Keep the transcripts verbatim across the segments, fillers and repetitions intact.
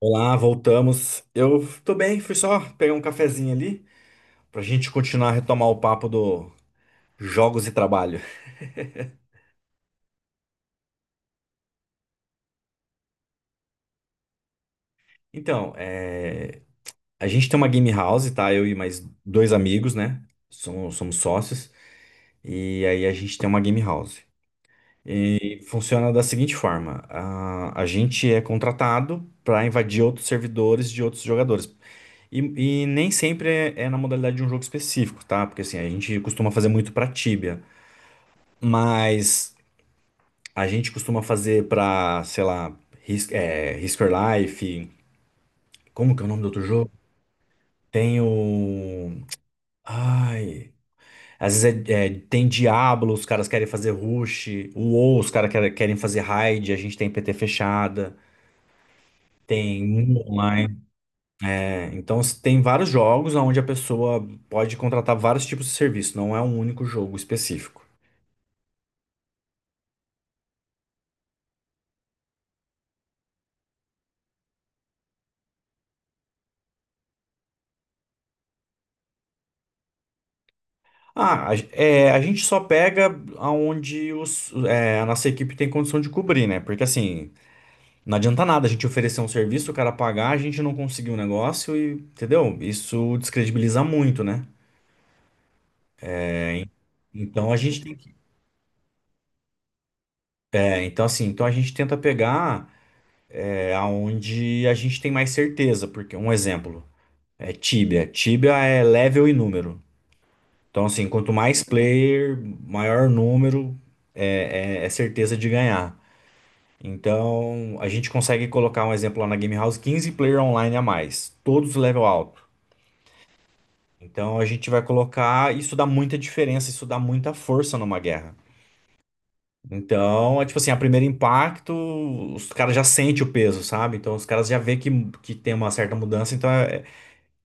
Olá, voltamos. Eu tô bem, fui só pegar um cafezinho ali pra gente continuar a retomar o papo do jogos e trabalho. Então, é, a gente tem uma game house, tá? Eu e mais dois amigos, né? Somos, somos sócios. E aí a gente tem uma game house. E funciona da seguinte forma: a, a gente é contratado para invadir outros servidores de outros jogadores. E, e nem sempre é, é na modalidade de um jogo específico, tá? Porque assim, a gente costuma fazer muito pra Tibia. Mas a gente costuma fazer pra, sei lá, Risk, é, Risk or Life. Como que é o nome do outro jogo? Tem o. Ai. Às vezes é- é, tem Diablo, os caras querem fazer Rush. O WoW, os caras querem, querem fazer Raid. A gente tem P T fechada. Tem Mundo online. É, então s- tem vários jogos onde a pessoa pode contratar vários tipos de serviço. Não é um único jogo específico. Ah, a, é, a gente só pega aonde os, é, a nossa equipe tem condição de cobrir, né? Porque assim, não adianta nada a gente oferecer um serviço, o cara pagar, a gente não conseguir o negócio e, entendeu? Isso descredibiliza muito, né? Então a gente tem que, é, então assim, então a gente tenta pegar é, aonde a gente tem mais certeza, porque um exemplo é Tibia. Tibia é level e número. Então assim, quanto mais player, maior número, é é- é certeza de ganhar. Então, a gente consegue colocar um exemplo lá na Game House, quinze player online a mais, todos level alto. Então, a gente vai colocar, isso dá muita diferença, isso dá muita força numa guerra. Então, é tipo assim, a primeiro impacto, os caras já sentem o peso, sabe? Então, os caras já vê que, que tem uma certa mudança, então é,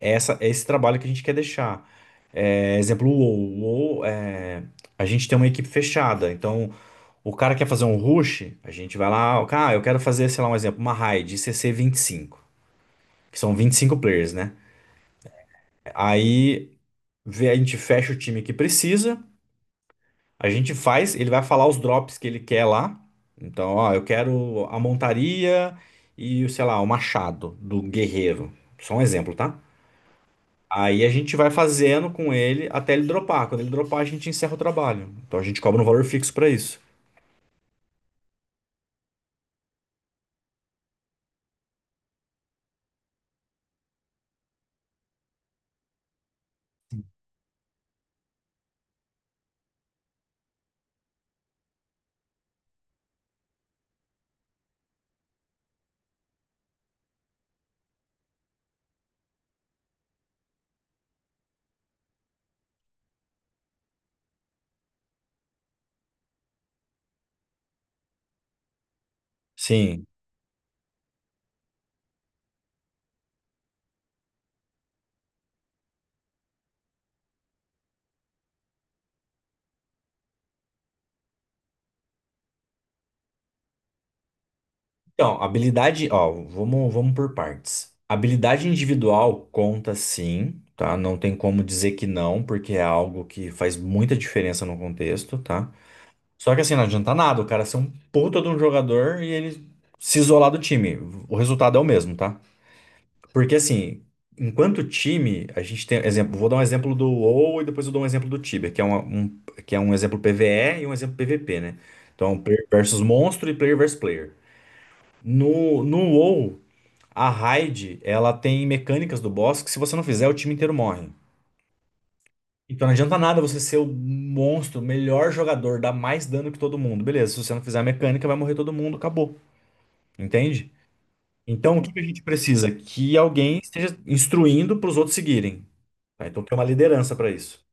é essa, é esse trabalho que a gente quer deixar. É, exemplo, o WoW, o WoW, é, a gente tem uma equipe fechada, então o cara quer fazer um rush, a gente vai lá, cara, "Ah, eu quero fazer, sei lá, um exemplo, uma raid C C vinte e cinco, que são vinte e cinco players, né? Aí vê- a gente fecha o time que precisa, a gente faz, ele vai falar os drops que ele quer lá. Então, ó, eu quero a montaria e, sei lá, o machado do guerreiro. Só um exemplo, tá? Aí a gente vai fazendo com ele até ele dropar. Quando ele dropar, a gente encerra o trabalho. Então a gente cobra um valor fixo pra isso. Sim. Então, habilidade, ó, vamos, vamos por partes. Habilidade individual conta sim, tá? Não tem como dizer que não, porque é algo que faz muita diferença no contexto, tá? Só que assim, não adianta nada o cara ser um puta de um jogador e ele se isolar do time. O resultado é o mesmo, tá? Porque assim, enquanto time, a gente tem, exemplo, vou dar um exemplo do WoW e depois eu dou um exemplo do Tibia, que é uma- um, que é um exemplo PvE e um exemplo PvP, né? Então, player versus monstro e player versus player. No, no WoW, a raid, ela tem mecânicas do boss que se você não fizer, o time inteiro morre. Então não adianta nada você ser o monstro, o melhor jogador, dar mais dano que todo mundo. Beleza, se você não fizer a mecânica, vai morrer todo mundo, acabou. Entende? Então o que que a gente precisa? Que alguém esteja instruindo para os outros seguirem. Tá? Então tem uma liderança para isso.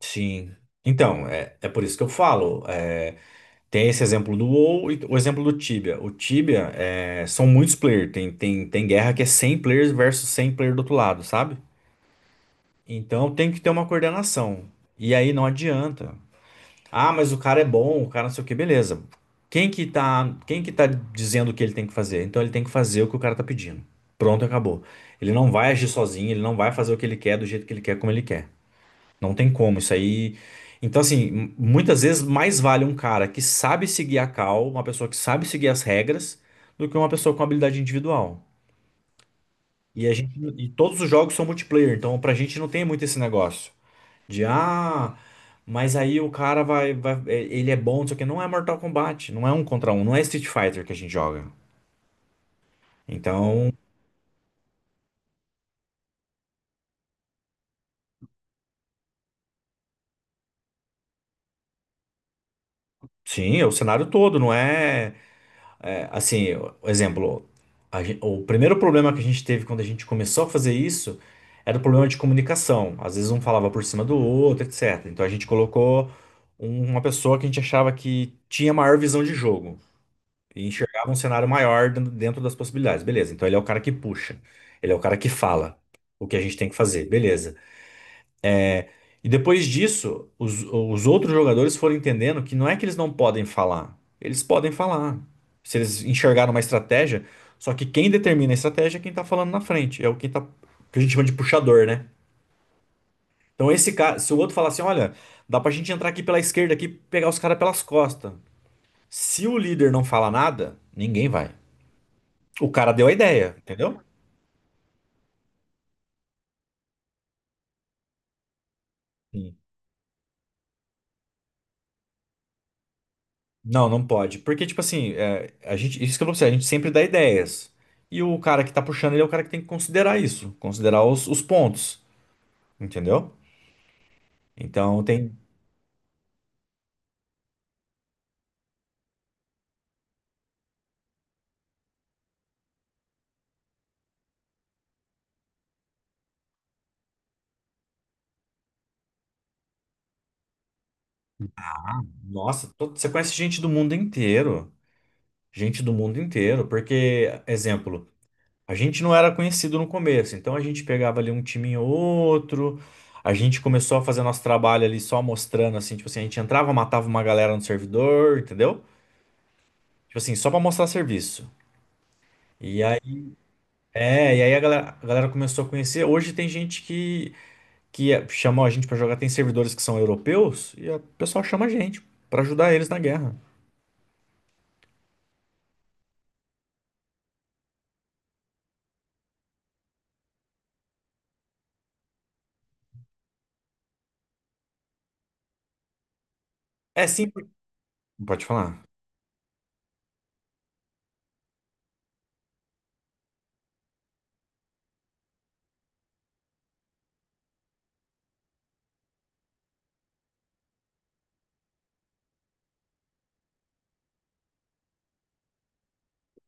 Sim. Então, é, é por isso que eu falo. É, tem esse exemplo do WoW e o exemplo do Tibia. O Tibia é, são muitos players. Tem, tem, tem guerra que é cem players versus cem players do outro lado, sabe? Então tem que ter uma coordenação. E aí não adianta. Ah, mas o cara é bom, o cara não sei o que, beleza. Quem que tá, quem que tá dizendo o que ele tem que fazer? Então ele tem que fazer o que o cara tá pedindo. Pronto, acabou. Ele não vai agir sozinho, ele não vai fazer o que ele quer do jeito que ele quer, como ele quer. Não tem como, isso aí. Então, assim, m- muitas vezes mais vale um cara que sabe seguir a cal, uma pessoa que sabe seguir as regras, do que uma pessoa com habilidade individual. E a gente, e todos os jogos são multiplayer, então pra gente não tem muito esse negócio. De ah, mas aí o cara vai, vai- é, ele é bom, não sei o que. Não é Mortal Kombat, não é um contra um, não é Street Fighter que a gente joga. Então, sim, é o cenário todo, não é, é, assim, o exemplo, a gen- o primeiro problema que a gente teve quando a gente começou a fazer isso era o problema de comunicação. Às vezes um falava por cima do outro, etcetera. Então a gente colocou um- uma pessoa que a gente achava que tinha maior visão de jogo. E enxergava um cenário maior dentro dentro das possibilidades. Beleza, então ele é o cara que puxa, ele é o cara que fala o que a gente tem que fazer, beleza. E depois disso, os, os outros jogadores foram entendendo que não é que eles não podem falar, eles podem falar. Se eles enxergaram uma estratégia, só que quem determina a estratégia é quem tá falando na frente, é o quem tá, que a gente chama de puxador, né? Então esse cara, se o outro falar assim, olha, dá pra gente entrar aqui pela esquerda aqui, pegar os caras pelas costas. Se o líder não fala nada, ninguém vai. O cara deu a ideia, entendeu? Sim. Não, não pode. Porque, tipo assim, é, a gente, isso que eu vou pra você, a gente sempre dá ideias. E o cara que tá puxando, ele é o cara que tem que considerar isso, considerar os, os pontos, entendeu? Então tem. Nossa, todo- você conhece gente do mundo inteiro. Gente do mundo inteiro. Porque, exemplo, a gente não era conhecido no começo. Então a gente pegava ali um time ou outro. A gente começou a fazer nosso trabalho ali só mostrando, assim, tipo assim, a gente entrava, matava uma galera no servidor, entendeu? Tipo assim, só pra mostrar serviço. e É, e aí a galera, a galera começou a conhecer. Hoje tem gente que, que chamou a gente pra jogar, tem servidores que são europeus, e a- o pessoal chama a gente pra ajudar eles na guerra. É sim. Pode falar.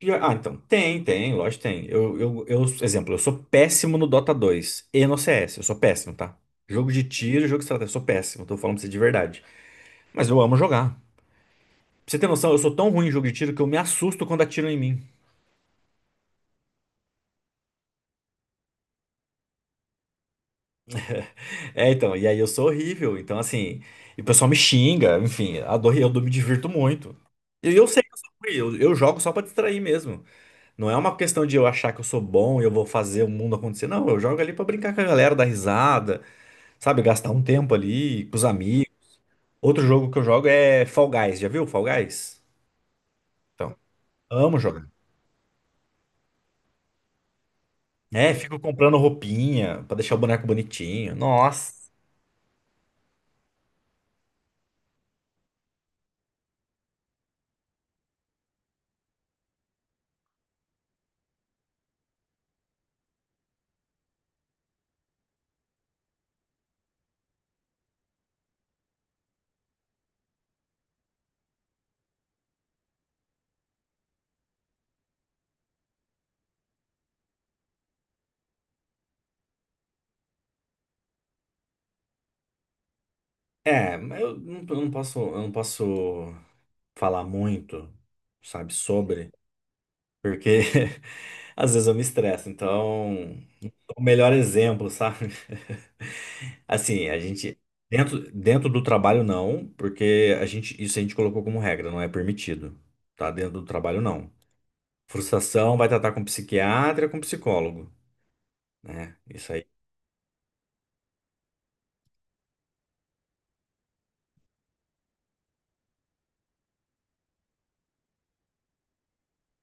E, Ah, então, tem, tem, lógico, que tem. Eu, eu, eu, exemplo, eu sou péssimo no Dota dois. E no C S, eu sou péssimo, tá? Jogo de tiro, jogo de estratégia, eu sou péssimo, tô falando pra você de verdade. Mas eu amo jogar. Pra você ter noção, eu sou tão ruim em jogo de tiro que eu me assusto quando atiram em mim. É, então, e aí eu sou horrível, então assim, e o pessoal me xinga, enfim, adoro, eu me divirto muito. E eu sei que eu sou ruim, eu, eu jogo só pra distrair mesmo. Não é uma questão de eu achar que eu sou bom e eu vou fazer o mundo acontecer. Não, eu jogo ali pra brincar com a galera, dar risada, sabe, gastar um tempo ali com os amigos. Outro jogo que eu jogo é Fall Guys, já viu Fall Guys? Então, amo jogar. É, fico comprando roupinha pra deixar o boneco bonitinho. Nossa. É, mas eu não, eu não posso, eu não posso falar muito, sabe, sobre, porque às vezes eu me estresso. Então, o melhor exemplo, sabe? Assim, a gente dentro, dentro do trabalho não, porque a gente isso a gente colocou como regra, não é permitido, tá? Dentro do trabalho não. Frustração vai tratar com psiquiatra, com psicólogo, né? Isso aí.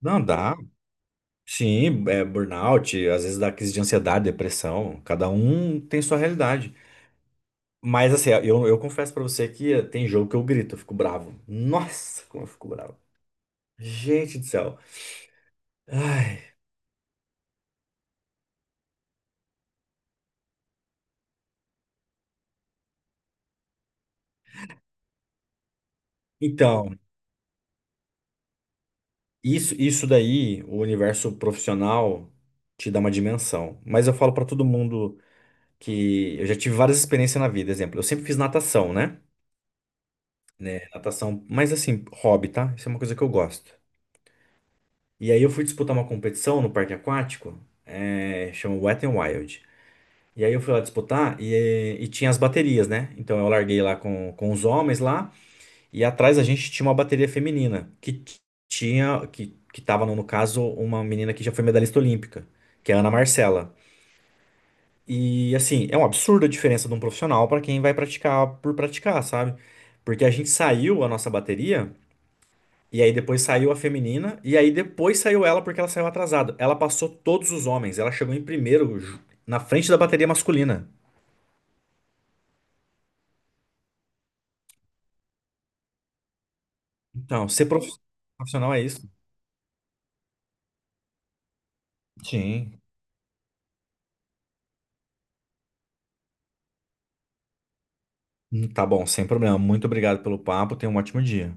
Não dá. Sim, é burnout, às vezes dá crise de ansiedade, depressão. Cada um tem sua realidade. Mas assim, eu, eu confesso pra você que tem jogo que eu grito, eu fico bravo. Nossa, como eu fico bravo. Gente do céu. Ai. Então, isso, isso daí, o universo profissional te dá uma dimensão. Mas eu falo pra todo mundo que eu já tive várias experiências na vida. Exemplo, eu sempre fiz natação, né? Né, natação, mas assim, hobby, tá? Isso é uma coisa que eu gosto. E aí eu fui disputar uma competição no parque aquático, é, chama Wet n Wild. E aí eu fui lá disputar e, e tinha as baterias, né? Então eu larguei lá com, com os homens lá e atrás a gente tinha uma bateria feminina que t- tinha, que, que tava no, no caso uma menina que já foi medalhista olímpica, que é a Ana Marcela. E assim, é um absurdo a diferença de um profissional para quem vai praticar por praticar, sabe? Porque a gente saiu a nossa bateria e aí depois saiu a feminina e aí depois saiu ela porque ela saiu atrasada. Ela passou todos os homens, ela chegou em primeiro ju- na frente da bateria masculina. Então, ser prof- profissional é isso? Sim. Hum, tá bom, sem problema. Muito obrigado pelo papo. Tenha um ótimo dia.